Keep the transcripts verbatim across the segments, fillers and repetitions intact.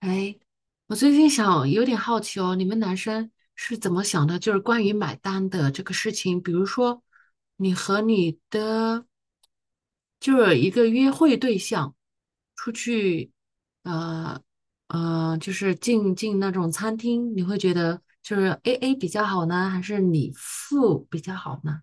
哎，我最近想有点好奇哦，你们男生是怎么想的？就是关于买单的这个事情，比如说你和你的就是一个约会对象出去，呃呃，就是进进那种餐厅，你会觉得就是 A A 比较好呢，还是你付比较好呢？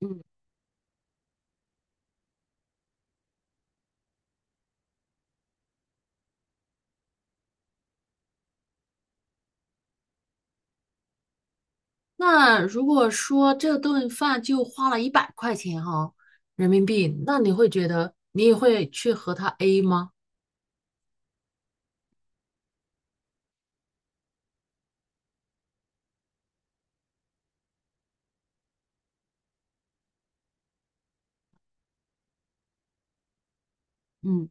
嗯。那如果说这顿饭就花了一百块钱哈、人民币，那你会觉得你也会去和他 A 吗？嗯，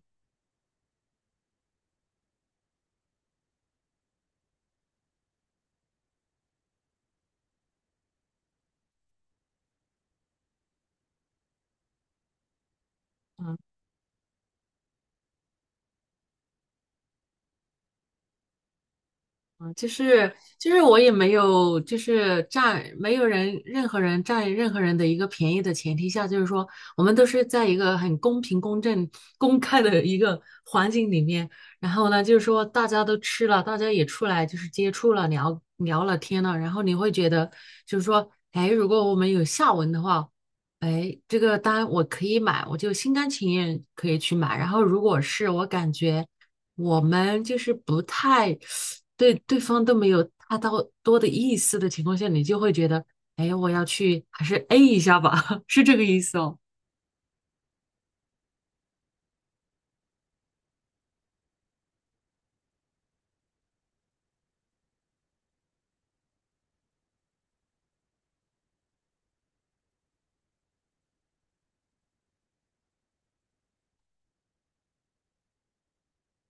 啊，就是就是我也没有，就是占没有人任何人占任何人的一个便宜的前提下，就是说我们都是在一个很公平、公正、公开的一个环境里面。然后呢，就是说大家都吃了，大家也出来就是接触了、聊聊了天了，然后你会觉得就是说，哎，如果我们有下文的话，哎，这个单我可以买，我就心甘情愿可以去买。然后如果是我感觉。我们就是不太对对方都没有大到多的意思的情况下，你就会觉得，哎，我要去还是 A 一下吧，是这个意思哦。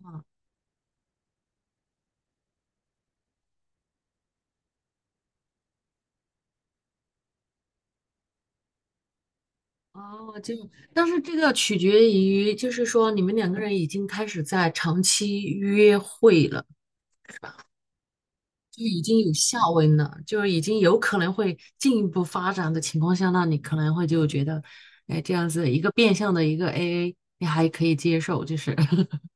啊哦，就，但是这个取决于，就是说你们两个人已经开始在长期约会了，就已经有下文了，就是已经有可能会进一步发展的情况下，那你可能会就觉得，哎，这样子一个变相的一个 A A，你还可以接受，就是，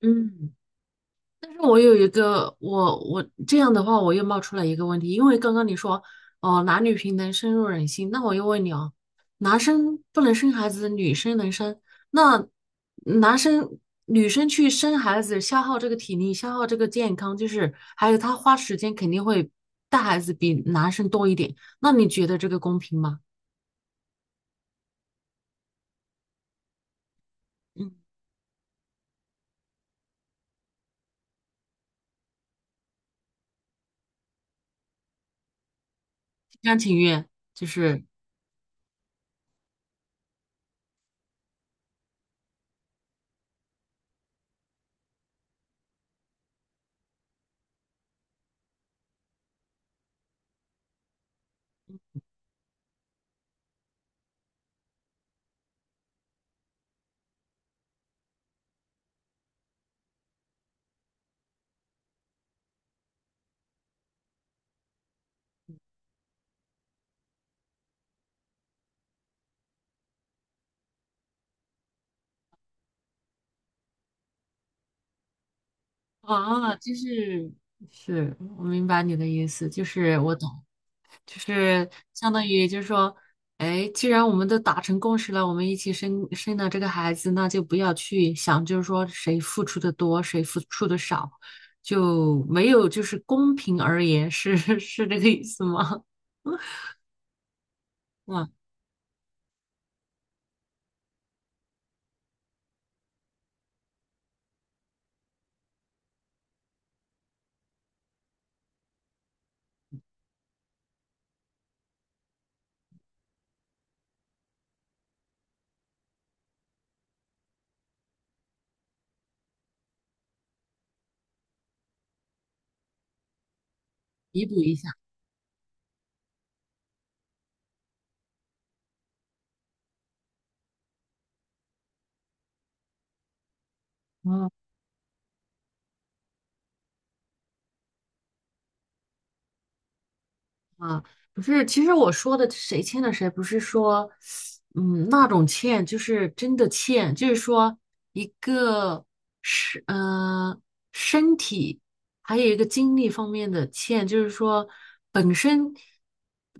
嗯。但是我有一个，我我这样的话，我又冒出来一个问题，因为刚刚你说哦，男女平等深入人心，那我又问你哦，男生不能生孩子，女生能生，那男生女生去生孩子，消耗这个体力，消耗这个健康，就是还有他花时间肯定会带孩子比男生多一点，那你觉得这个公平吗？嗯，心甘情愿，就是啊，就是是，我明白你的意思，就是我懂。就是相当于就是说，哎，既然我们都达成共识了，我们一起生生了这个孩子，那就不要去想，就是说谁付出的多，谁付出的少，就没有就是公平而言，是 是这个意思吗？哇，弥补一下。嗯啊，不是，其实我说的谁欠了谁，不是说，嗯，那种欠，就是真的欠，就是说一个是，呃，身体，还有一个精力方面的欠，就是说本身，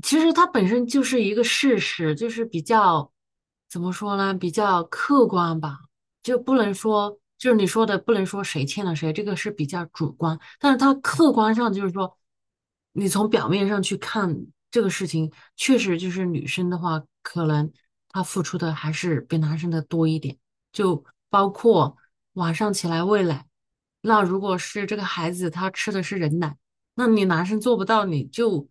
其实它本身就是一个事实，就是比较，怎么说呢，比较客观吧，就不能说，就是你说的不能说谁欠了谁，这个是比较主观。但是他客观上就是说，你从表面上去看这个事情，确实就是女生的话，可能她付出的还是比男生的多一点，就包括晚上起来喂奶。那如果是这个孩子他吃的是人奶，那你男生做不到，你就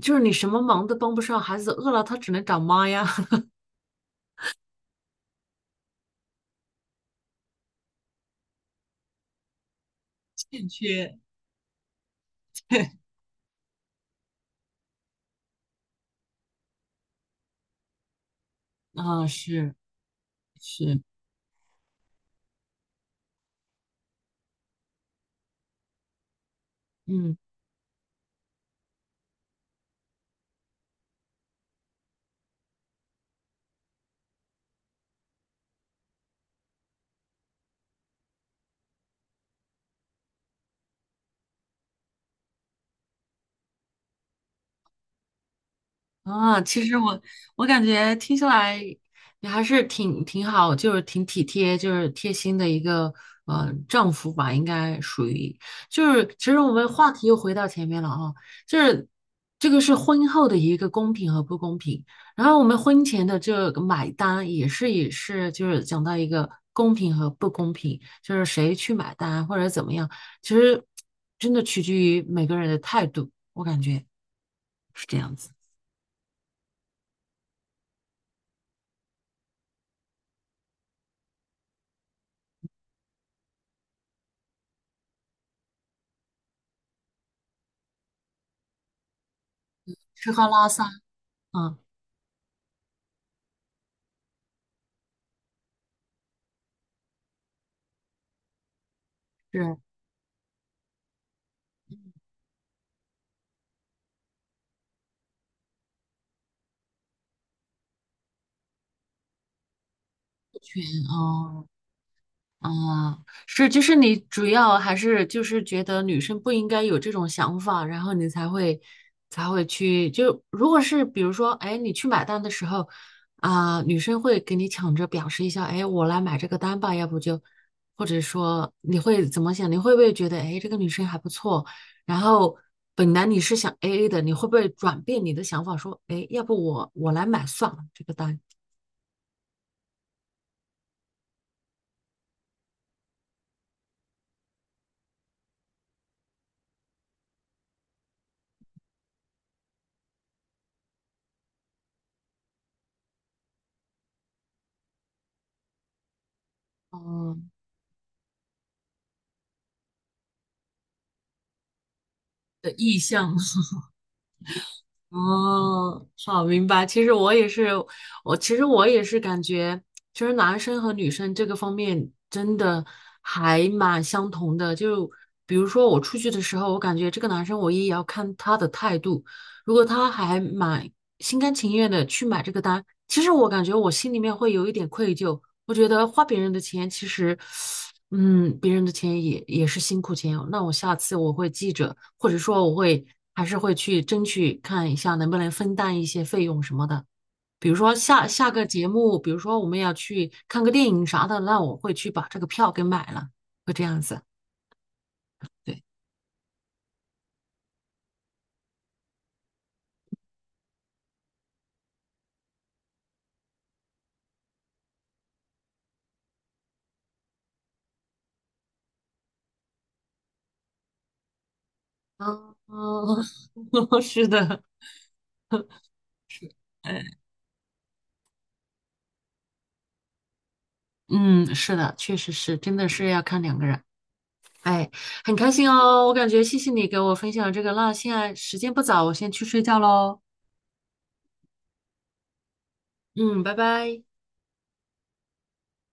就是你什么忙都帮不上，孩子饿了他只能找妈呀。欠缺，对，啊，是是，嗯。啊，其实我我感觉听下来，你还是挺挺好，就是挺体贴，就是贴心的一个呃丈夫吧，应该属于。就是其实我们话题又回到前面了啊，就是这个是婚后的一个公平和不公平，然后我们婚前的这个买单也是也是就是讲到一个公平和不公平，就是谁去买单或者怎么样，其实真的取决于每个人的态度，我感觉是这样子。吃喝拉撒，嗯，是全，哦，啊，是，就是你主要还是就是觉得女生不应该有这种想法，然后你才会才会去，就如果是比如说，哎，你去买单的时候，啊、女生会给你抢着表示一下，哎，我来买这个单吧，要不就，或者说你会怎么想？你会不会觉得，哎，这个女生还不错？然后本来你是想 A A 的，你会不会转变你的想法，说，哎，要不我我来买算了这个单？哦，的意向吗？哦，好，明白。其实我也是，我其实我也是感觉，其实男生和女生这个方面真的还蛮相同的。就比如说我出去的时候，我感觉这个男生我也要看他的态度。如果他还蛮心甘情愿的去买这个单，其实我感觉我心里面会有一点愧疚。我觉得花别人的钱，其实，嗯，别人的钱也也是辛苦钱哦。那我下次我会记着，或者说我会还是会去争取看一下能不能分担一些费用什么的。比如说下下个节目，比如说我们要去看个电影啥的，那我会去把这个票给买了，会这样子。对，嗯，嗯 是的。嗯，是的，确实是，真的是要看两个人。哎，很开心哦，我感觉谢谢你给我分享这个。那现在时间不早，我先去睡觉喽。嗯，拜拜。